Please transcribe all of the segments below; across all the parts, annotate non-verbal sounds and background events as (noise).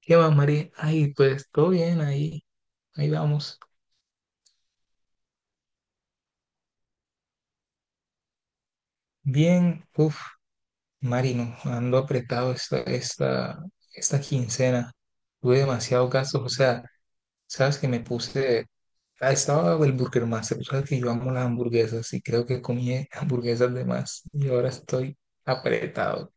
¿Qué más, Mari? Ay, pues todo bien, ahí vamos. Bien, Marino, ando apretado esta quincena. Tuve demasiados gastos, o sea, sabes que me puse, estaba el Burger Master, sabes que yo amo las hamburguesas y creo que comí (laughs) hamburguesas de más y ahora estoy apretado.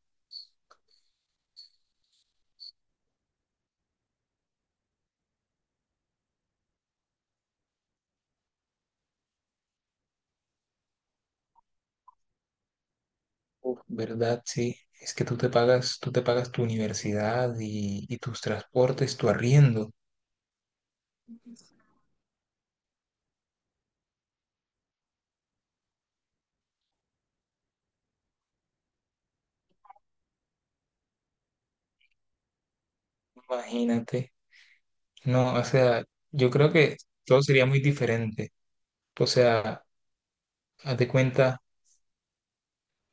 ¿Verdad? Sí, es que tú te pagas tu universidad y tus transportes, tu arriendo, imagínate. No, o sea, yo creo que todo sería muy diferente. O sea, haz de cuenta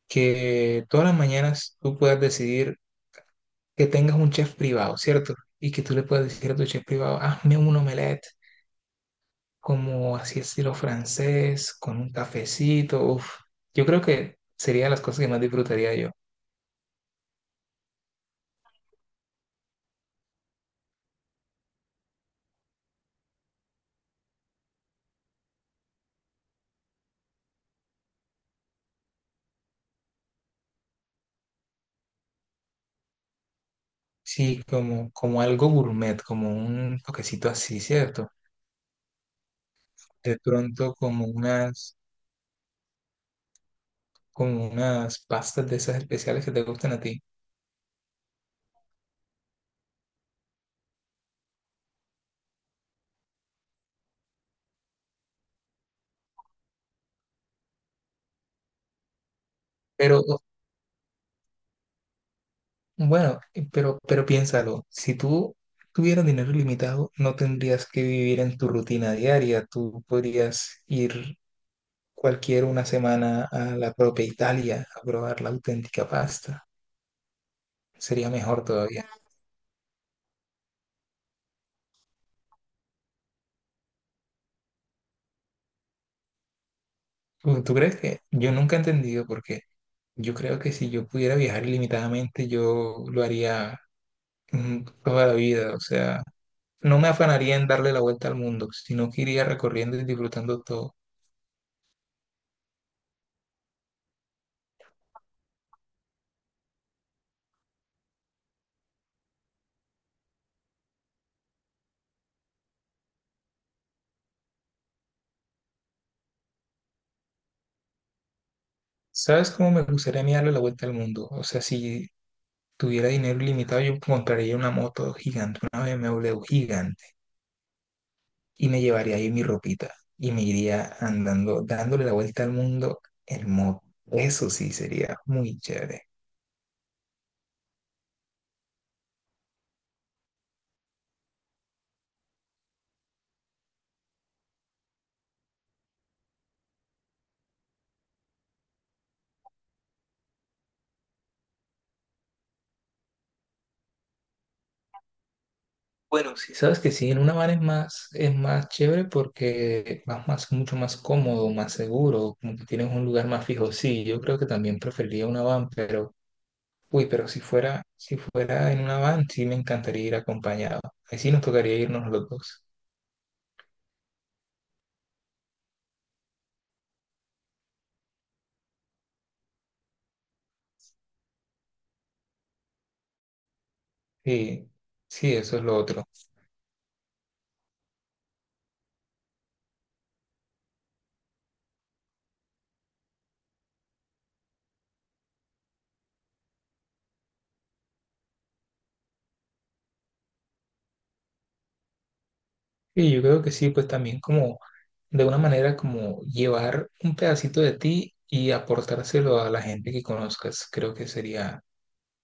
que todas las mañanas tú puedas decidir que tengas un chef privado, ¿cierto? Y que tú le puedas decir a tu chef privado, hazme un omelette como así estilo francés, con un cafecito. Uf, yo creo que sería de las cosas que más disfrutaría yo. Sí, como algo gourmet, como un toquecito así, ¿cierto? De pronto como unas pastas de esas especiales que te gustan a ti. Pero pero piénsalo, si tú tuvieras dinero ilimitado, no tendrías que vivir en tu rutina diaria, tú podrías ir cualquier una semana a la propia Italia a probar la auténtica pasta, sería mejor todavía. ¿Tú crees que? Yo nunca he entendido por qué. Yo creo que si yo pudiera viajar ilimitadamente, yo lo haría toda la vida, o sea, no me afanaría en darle la vuelta al mundo, sino que iría recorriendo y disfrutando todo. ¿Sabes cómo me gustaría a mí darle la vuelta al mundo? O sea, si tuviera dinero ilimitado, yo compraría una moto gigante, una BMW gigante, y me llevaría ahí mi ropita y me iría andando, dándole la vuelta al mundo en moto. Eso sí sería muy chévere. Bueno, sí, sabes que sí, en una van es más chévere porque vas más, mucho más cómodo, más seguro, como que tienes un lugar más fijo. Sí, yo creo que también preferiría una van, pero pero si fuera en una van, sí me encantaría ir acompañado. Ahí sí nos tocaría irnos los dos. Sí, sí, eso es lo otro. Y yo creo que sí, pues también como de una manera como llevar un pedacito de ti y aportárselo a la gente que conozcas. Creo que sería,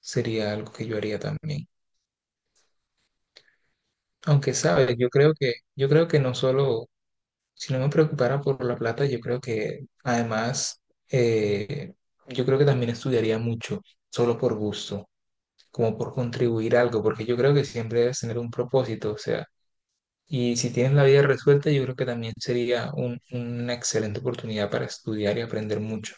sería algo que yo haría también. Aunque sabes, yo creo que no solo, si no me preocupara por la plata, yo creo que además, eh, yo creo que también estudiaría mucho, solo por gusto, como por contribuir a algo, porque yo creo que siempre debes tener un propósito, o sea, y si tienes la vida resuelta, yo creo que también sería una excelente oportunidad para estudiar y aprender mucho.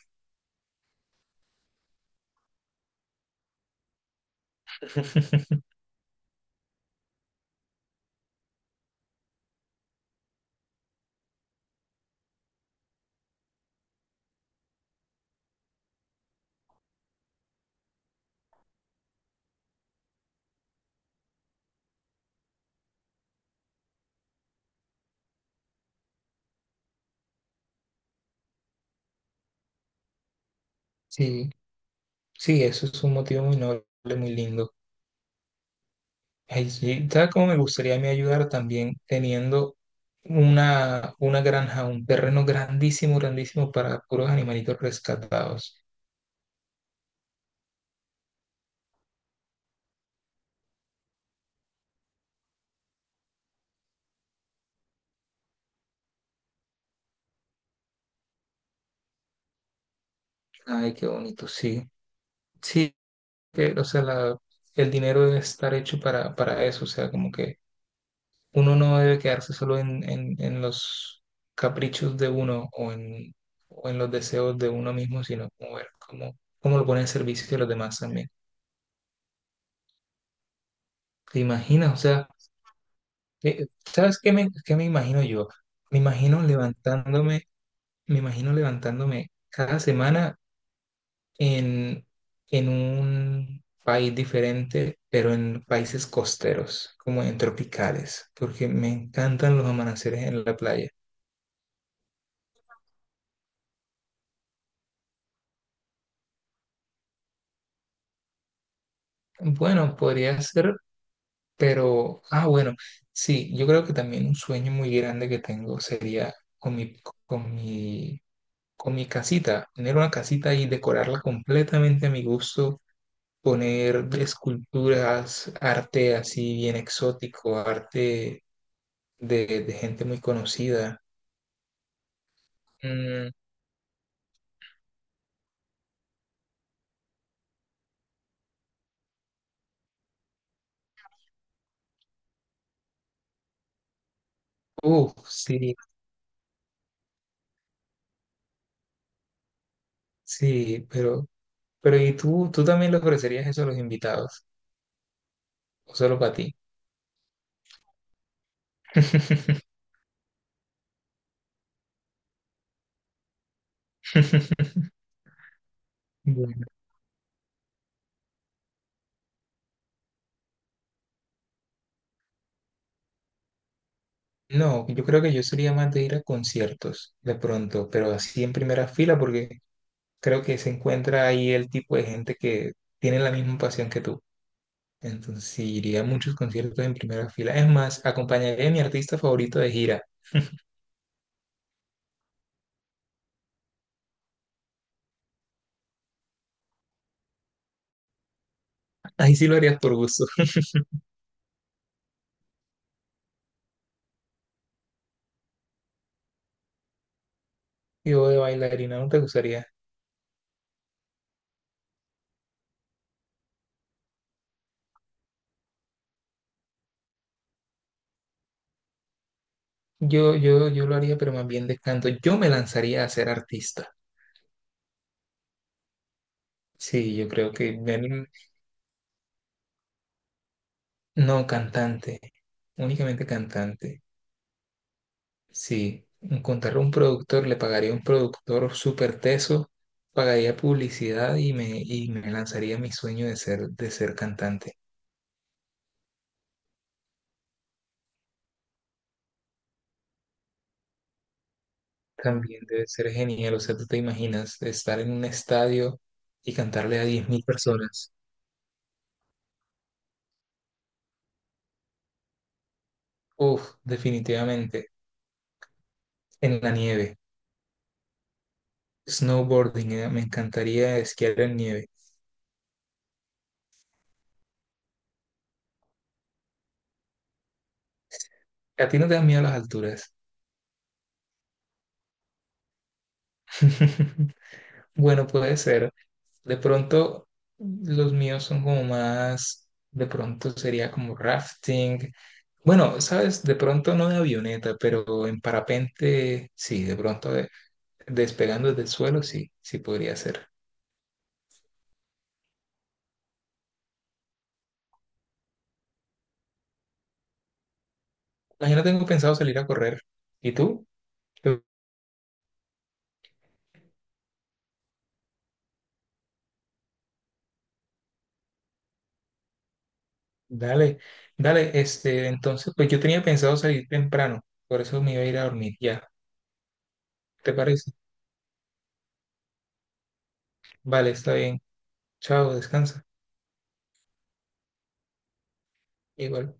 Sí, sí, eso es un motivo muy noble, muy lindo. Ay, sí, ¿sabes cómo me gustaría a mí ayudar también teniendo una granja, un terreno grandísimo, grandísimo para puros animalitos rescatados? Ay, qué bonito, sí. Sí, que, o sea, el dinero debe estar hecho para eso, o sea, como que uno no debe quedarse solo en, en los caprichos de uno o en los deseos de uno mismo, sino como ver cómo, cómo lo pone en servicio de los demás también. ¿Te imaginas? O sea, ¿sabes qué me imagino yo? Me imagino levantándome, me imagino levantándome cada semana en, en un país diferente, pero en países costeros, como en tropicales, porque me encantan los amaneceres en la playa. Bueno, podría ser. Pero, bueno, sí, yo creo que también un sueño muy grande que tengo sería con mi, con mi casita, tener una casita y decorarla completamente a mi gusto, poner esculturas, arte así bien exótico, arte de gente muy conocida. Mm, sí, sí, pero ¿y tú también le ofrecerías eso a los invitados? ¿O solo para ti? (laughs) Bueno. No, yo creo que yo sería más de ir a conciertos de pronto, pero así en primera fila porque creo que se encuentra ahí el tipo de gente que tiene la misma pasión que tú. Entonces sí, iría a muchos conciertos en primera fila. Es más, acompañaría a mi artista favorito de gira. (laughs) Ahí sí lo harías por gusto. (laughs) Yo de bailarina no te gustaría. Yo lo haría, pero más bien de canto. Yo me lanzaría a ser artista. Sí, yo creo que... No, cantante. Únicamente cantante. Si encontrar un productor, le pagaría a un productor súper teso, pagaría publicidad y me lanzaría mi sueño de ser cantante. También debe ser genial, o sea, tú te imaginas estar en un estadio y cantarle a 10 000 personas. Uf, definitivamente, en la nieve. Snowboarding, me encantaría esquiar en nieve. ¿A ti no te dan miedo las alturas? (laughs) Bueno, puede ser. De pronto, los míos son como más, de pronto sería como rafting. Bueno, sabes, de pronto no de avioneta, pero en parapente, sí, despegando desde el suelo, sí, sí podría ser. Ah, yo no tengo pensado salir a correr. ¿Y tú? Tú, Dale, dale, este, entonces, pues yo tenía pensado salir temprano, por eso me iba a ir a dormir ya. ¿Te parece? Vale, está bien. Chao, descansa. Igual.